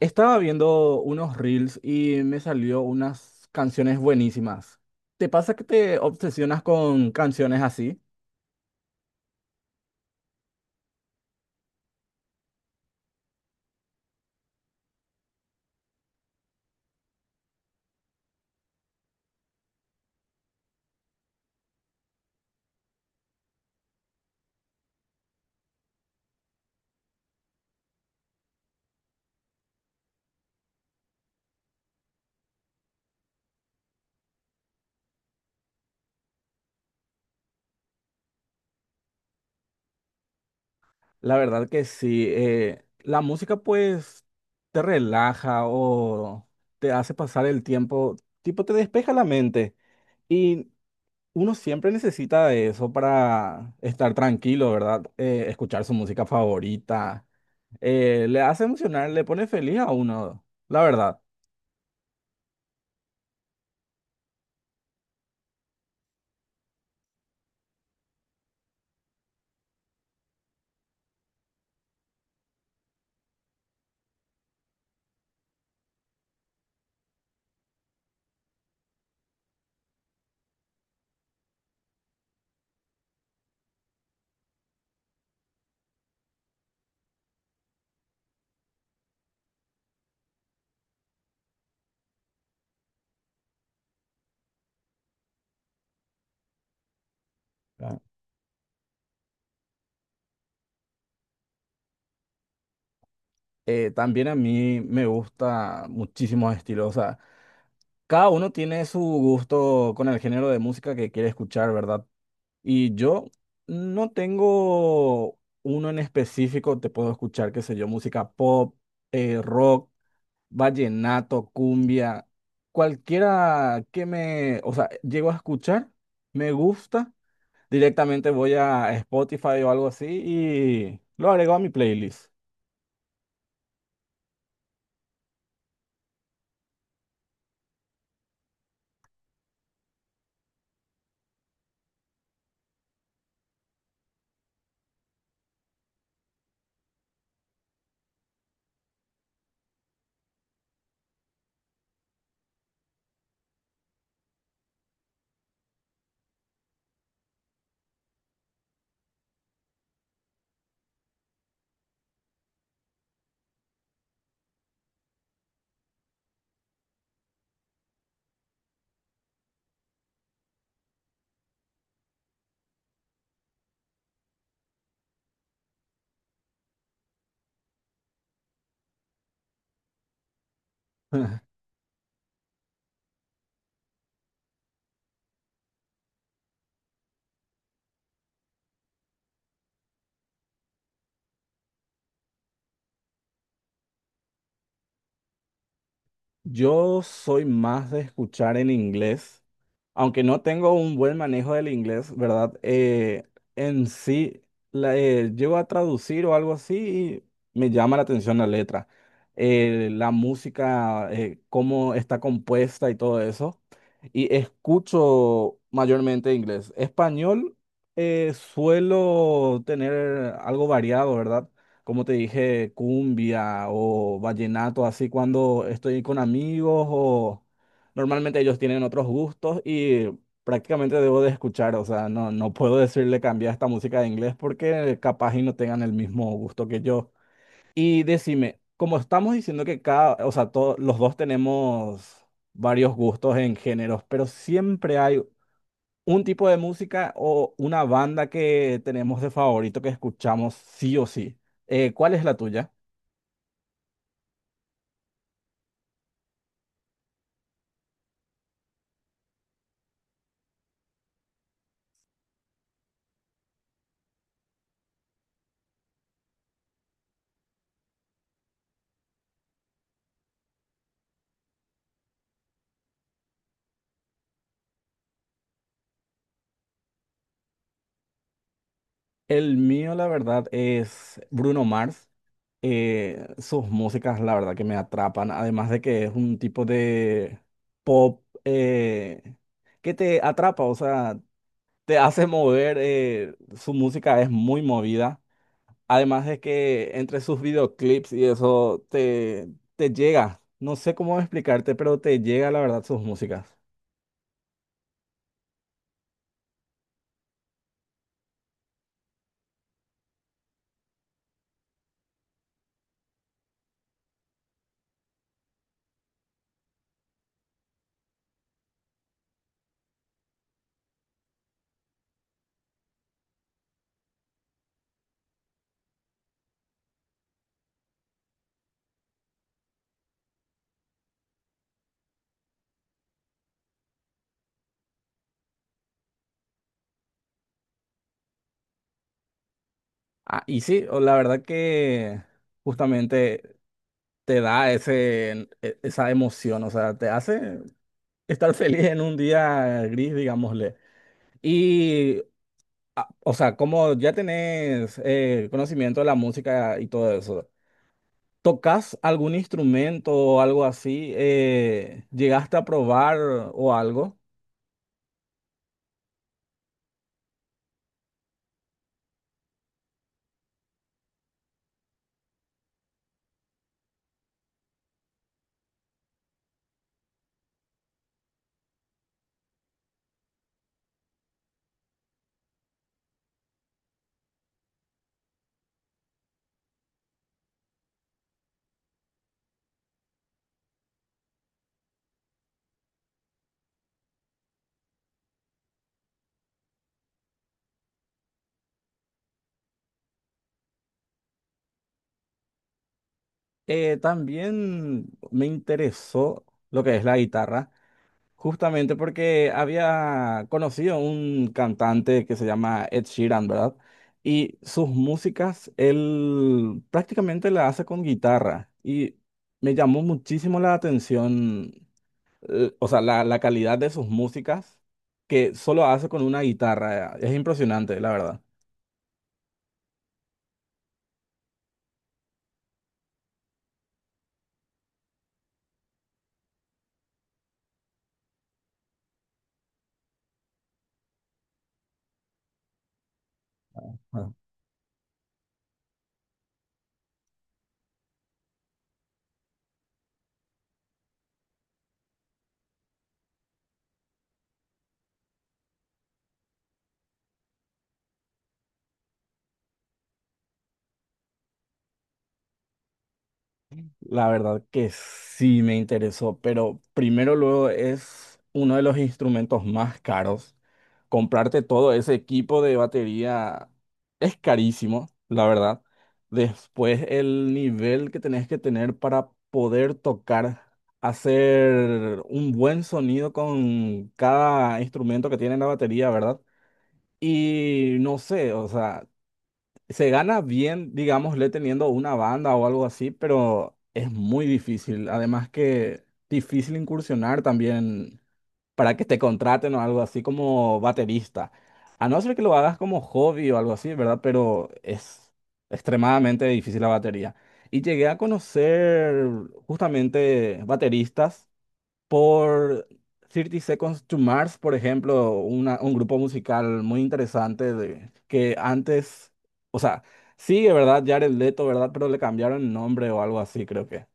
Estaba viendo unos reels y me salió unas canciones buenísimas. ¿Te pasa que te obsesionas con canciones así? La verdad que sí. La música pues te relaja o te hace pasar el tiempo, tipo te despeja la mente. Y uno siempre necesita de eso para estar tranquilo, ¿verdad? Escuchar su música favorita. Le hace emocionar, le pone feliz a uno, la verdad. También a mí me gusta muchísimos estilos, o sea, cada uno tiene su gusto con el género de música que quiere escuchar, ¿verdad? Y yo no tengo uno en específico, te puedo escuchar, qué sé yo, música pop, rock, vallenato, cumbia, cualquiera que me, o sea, llego a escuchar, me gusta, directamente voy a Spotify o algo así y lo agrego a mi playlist. Yo soy más de escuchar en inglés, aunque no tengo un buen manejo del inglés, ¿verdad? En sí, llego a traducir o algo así y me llama la atención la letra. La música, cómo está compuesta y todo eso. Y escucho mayormente inglés. Español, suelo tener algo variado, ¿verdad? Como te dije, cumbia o vallenato, así cuando estoy con amigos o normalmente ellos tienen otros gustos y prácticamente debo de escuchar, o sea, no, no puedo decirle cambiar esta música de inglés porque capaz y no tengan el mismo gusto que yo. Y decime, como estamos diciendo que cada, o sea, los dos tenemos varios gustos en géneros, pero siempre hay un tipo de música o una banda que tenemos de favorito que escuchamos sí o sí. ¿Cuál es la tuya? El mío, la verdad, es Bruno Mars. Sus músicas, la verdad, que me atrapan. Además de que es un tipo de pop que te atrapa, o sea, te hace mover. Su música es muy movida. Además de que entre sus videoclips y eso te, llega. No sé cómo explicarte, pero te llega la verdad sus músicas. Ah, y sí, o la verdad que justamente te da ese, esa emoción, o sea, te hace estar feliz en un día gris, digámosle. Y, ah, o sea, como ya tenés conocimiento de la música y todo eso. ¿Tocas algún instrumento o algo así? ¿Llegaste a probar o algo? También me interesó lo que es la guitarra, justamente porque había conocido un cantante que se llama Ed Sheeran, ¿verdad? Y sus músicas él prácticamente la hace con guitarra y me llamó muchísimo la atención, o sea, la calidad de sus músicas que solo hace con una guitarra. Es impresionante, la verdad. La verdad que sí me interesó, pero primero luego es uno de los instrumentos más caros. Comprarte todo ese equipo de batería es carísimo, la verdad. Después el nivel que tenés que tener para poder tocar, hacer un buen sonido con cada instrumento que tiene la batería, ¿verdad? Y no sé, o sea... Se gana bien, digámosle, teniendo una banda o algo así, pero es muy difícil. Además que difícil incursionar también para que te contraten o algo así como baterista. A no ser que lo hagas como hobby o algo así, ¿verdad? Pero es extremadamente difícil la batería. Y llegué a conocer justamente bateristas por 30 Seconds to Mars, por ejemplo, un grupo musical muy interesante de, que antes, o sea, sigue, ¿verdad? Jared Leto, ¿verdad? Pero le cambiaron el nombre o algo así, creo que.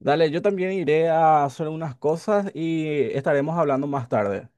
Dale, yo también iré a hacer unas cosas y estaremos hablando más tarde.